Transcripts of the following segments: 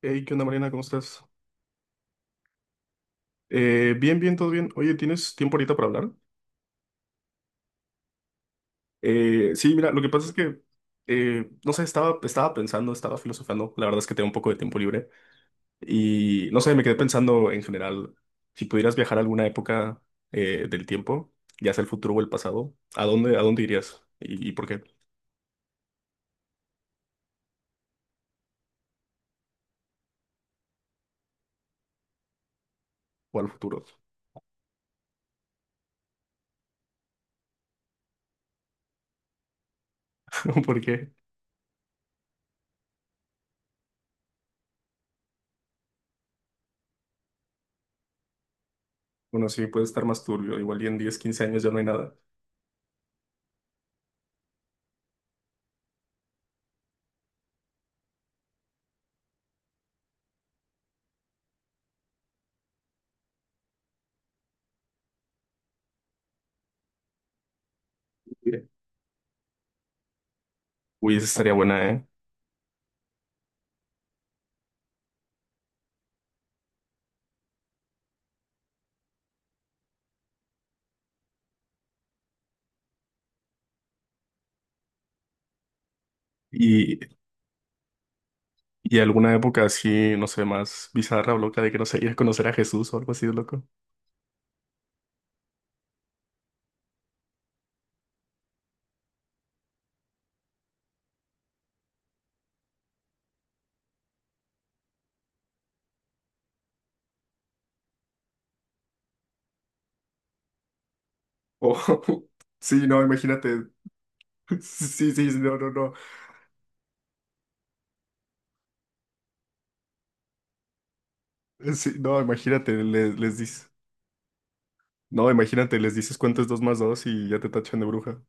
Hey, ¿qué onda, Mariana? ¿Cómo estás? Bien, bien, todo bien. Oye, ¿tienes tiempo ahorita para hablar? Sí, mira, lo que pasa es que, no sé, estaba pensando, estaba filosofando. La verdad es que tengo un poco de tiempo libre. Y, no sé, me quedé pensando en general, si pudieras viajar a alguna época del tiempo, ya sea el futuro o el pasado, ¿ a dónde irías? ¿ y por qué? ¿O al futuro? ¿Por qué? Bueno, sí, puede estar más turbio. Igual y en 10, 15 años ya no hay nada. Uy, esa estaría buena, ¿eh? Y Y alguna época así, no sé, más bizarra o loca de que no sé, ir a conocer a Jesús o algo así de loco. O- sí, no, imagínate. Sí, sí, sí, no, no, no. Sí, no, imagínate, le- les, dices. No, imagínate, les dices cuánto es 2 más 2 y ya te tachan de bruja.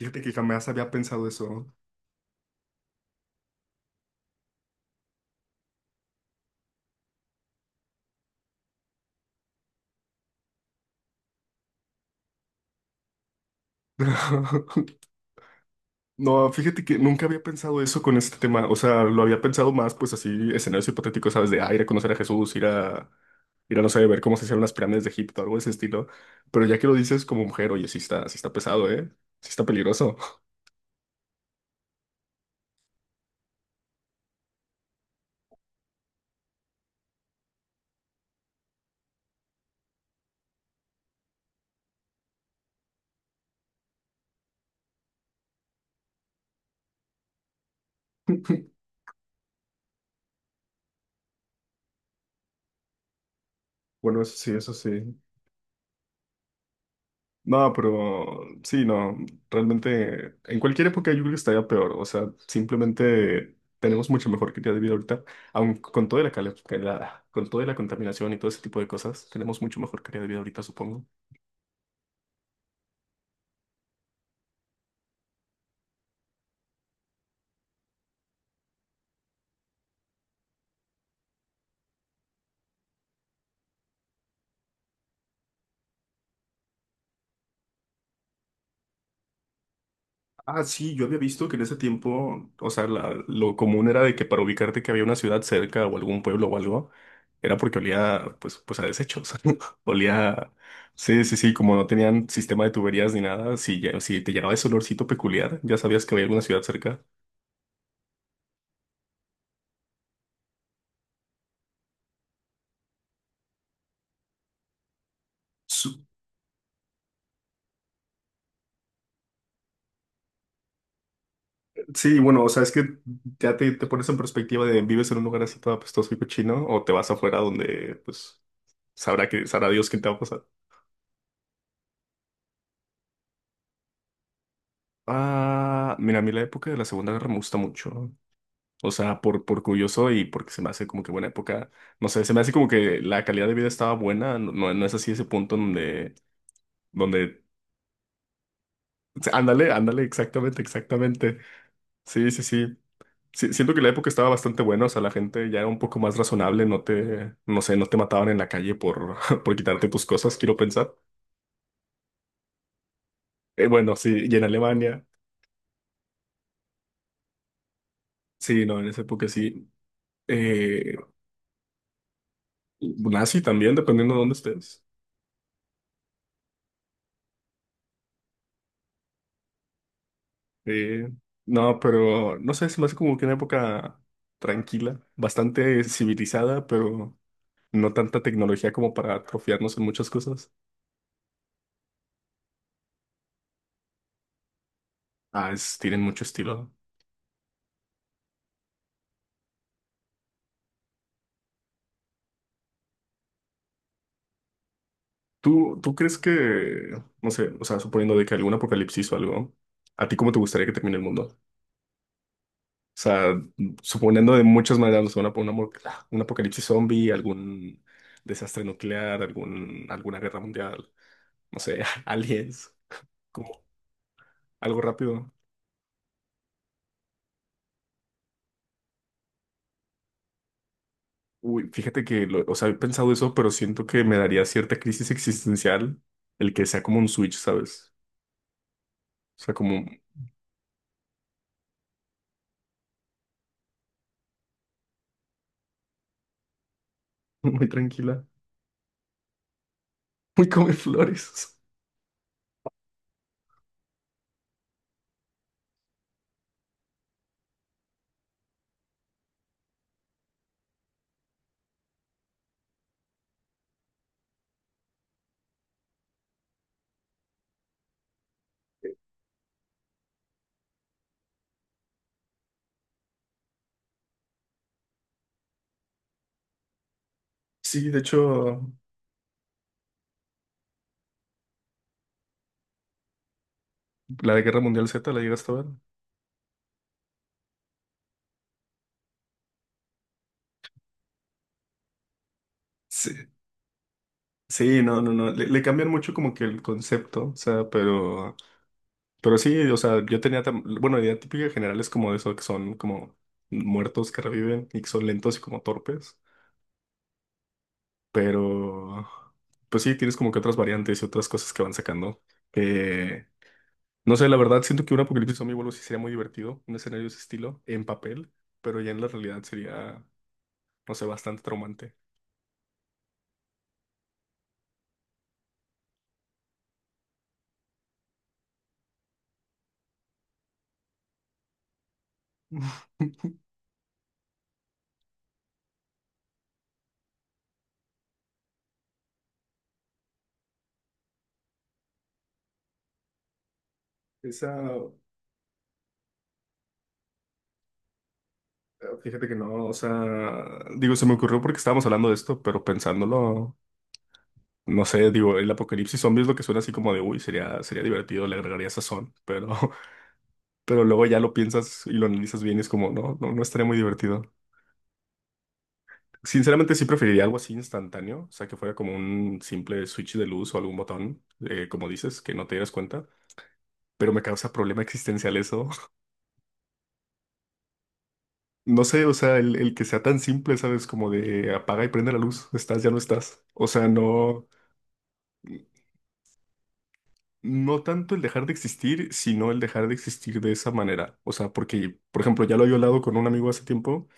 Fíjate que jamás había pensado eso. No, fíjate que nunca había pensado eso con este tema. O sea, lo había pensado más, pues así, escenarios hipotéticos, ¿sabes? De ah, ir a conocer a Jesús, ir a, no sé, ver cómo se hicieron las pirámides de Egipto, algo de ese estilo. Pero ya que lo dices como mujer, oye, sí está pesado, ¿eh? Sí está peligroso. Bueno, eso sí, eso sí. No, pero sí, no, realmente en cualquier época yo creo que estaría peor. O sea, simplemente tenemos mucho mejor calidad de vida ahorita, aun con toda la, cale- que la- con toda la contaminación y todo ese tipo de cosas, tenemos mucho mejor calidad de vida ahorita, supongo. Ah, sí, yo había visto que en ese tiempo, o sea, la- lo común era de que para ubicarte que había una ciudad cerca o algún pueblo o algo, era porque olía, pues, pues a desechos. Olía, sí, sí, sí, como no tenían sistema de tuberías ni nada, si, ya- si te llegaba ese olorcito peculiar, ya sabías que había alguna ciudad cerca. Su- Sí, bueno, o sea, es que ya te pones en perspectiva de vives en un lugar así todo apestoso y cochino, o te vas afuera donde, pues, sabrá Dios quién te va a pasar. Ah, mira, a mí la época de la Segunda Guerra me gusta mucho. O sea, por curioso y porque se me hace como que buena época. No sé, se me hace como que la calidad de vida estaba buena. No, no no es así ese punto donde, donde, sí, ándale, ándale, exactamente, exactamente. Sí, sí, sí. Sí, siento que la época estaba bastante buena. O sea, la gente ya era un poco más razonable. No te, no sé, no te mataban en la calle por, por quitarte tus cosas, quiero pensar. Bueno, sí, y en Alemania. Sí, no, en esa época sí. Eh, Nazi también, dependiendo de dónde estés. Eh, no, pero no sé, se me hace como que una época tranquila, bastante civilizada, pero no tanta tecnología como para atrofiarnos en muchas cosas. Ah, es- tienen mucho estilo. ¿Tú, tú crees que, no sé, o sea, suponiendo de que algún apocalipsis o algo, ¿a ti cómo te gustaría que termine el mundo? O sea, suponiendo de muchas maneras, no sé, una mo- un apocalipsis zombie, algún desastre nuclear, algún, alguna guerra mundial, no sé, aliens, como algo rápido. Uy, fíjate que, lo- o sea, he pensado eso, pero siento que me daría cierta crisis existencial el que sea como un switch, ¿sabes? O sea, como muy tranquila, muy come flores. Sí, de hecho, la de Guerra Mundial Z la llegaste a ver. Sí, sí, no, no, no. Le cambian mucho como que el concepto, o sea, pero sí, o sea, yo tenía, tam- bueno, la idea típica general es como de eso, que son como muertos que reviven y que son lentos y como torpes. Pero, pues sí, tienes como que otras variantes y otras cosas que van sacando. Eh, no sé, la verdad, siento que un apocalipsis zombie vuelvo sí sería muy divertido, un escenario de ese estilo, en papel, pero ya en la realidad sería, no sé, bastante traumante. Esa, ah, fíjate que no, o sea, digo, se me ocurrió porque estábamos hablando de esto, pero pensándolo, no sé, digo, el apocalipsis zombie es lo que suena así como de, uy, sería divertido, le agregaría sazón, pero, pero luego ya lo piensas y lo analizas bien y es como, no, no, no estaría muy divertido. Sinceramente sí preferiría algo así instantáneo, o sea, que fuera como un simple switch de luz o algún botón, como dices, que no te dieras cuenta, pero me causa problema existencial eso. No sé, o sea, el que sea tan simple, ¿sabes? Como de apaga y prende la luz, estás, ya no estás. O sea, no, no tanto el dejar de existir, sino el dejar de existir de esa manera. O sea, porque, por ejemplo, ya lo había hablado con un amigo hace tiempo.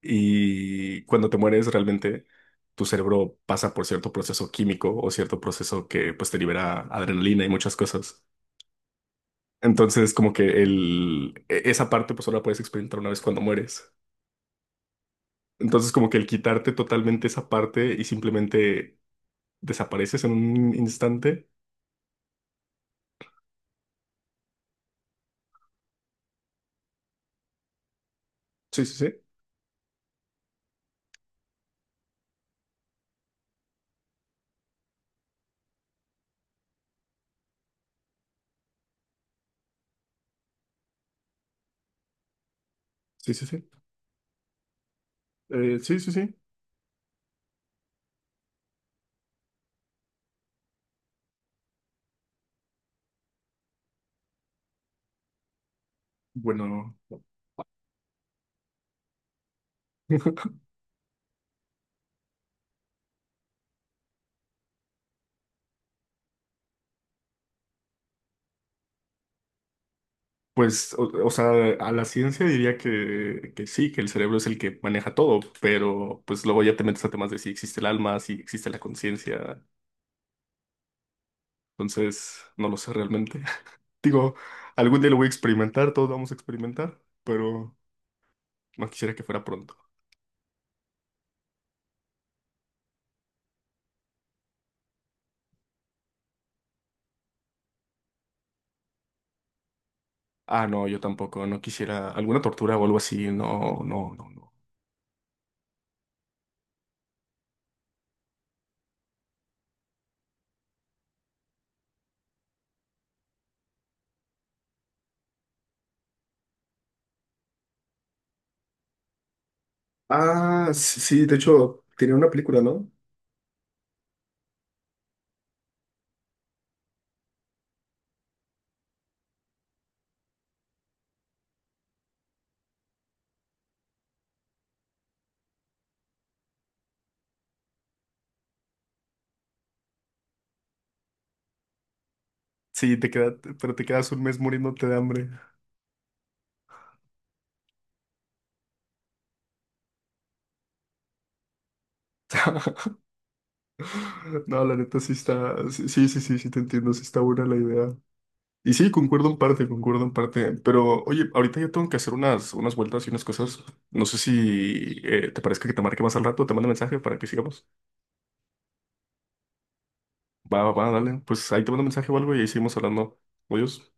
Y cuando te mueres, realmente tu cerebro pasa por cierto proceso químico o cierto proceso que pues te libera adrenalina y muchas cosas. Entonces, como que el, e- esa parte pues solo la puedes experimentar una vez cuando mueres. Entonces, como que el quitarte totalmente esa parte y simplemente desapareces en un instante. Sí, sí, sí. Sí, sí, sí. Sí, sí, sí. Bueno. Pues, o sea, a la ciencia diría que sí, que el cerebro es el que maneja todo, pero pues luego ya te metes a temas de si existe el alma, si existe la conciencia, entonces no lo sé realmente. Digo, algún día lo voy a experimentar, todos vamos a experimentar, pero no quisiera que fuera pronto. Ah, no, yo tampoco, no quisiera alguna tortura o algo así, no, no, no, no. Ah, sí, sí, de hecho, tenía una película, ¿no? Sí, te queda, pero te quedas un mes muriéndote de hambre. No, la neta sí está, sí, sí, sí, sí, sí te entiendo, sí está buena la idea. Y sí, concuerdo en parte, concuerdo en parte. Pero, oye, ahorita ya tengo que hacer unas, unas vueltas y unas cosas. No sé si te parezca que te marque más al rato, te mando mensaje para que sigamos. Va, va, va, dale. Pues ahí te mando mensaje o algo y ahí seguimos hablando. Adiós.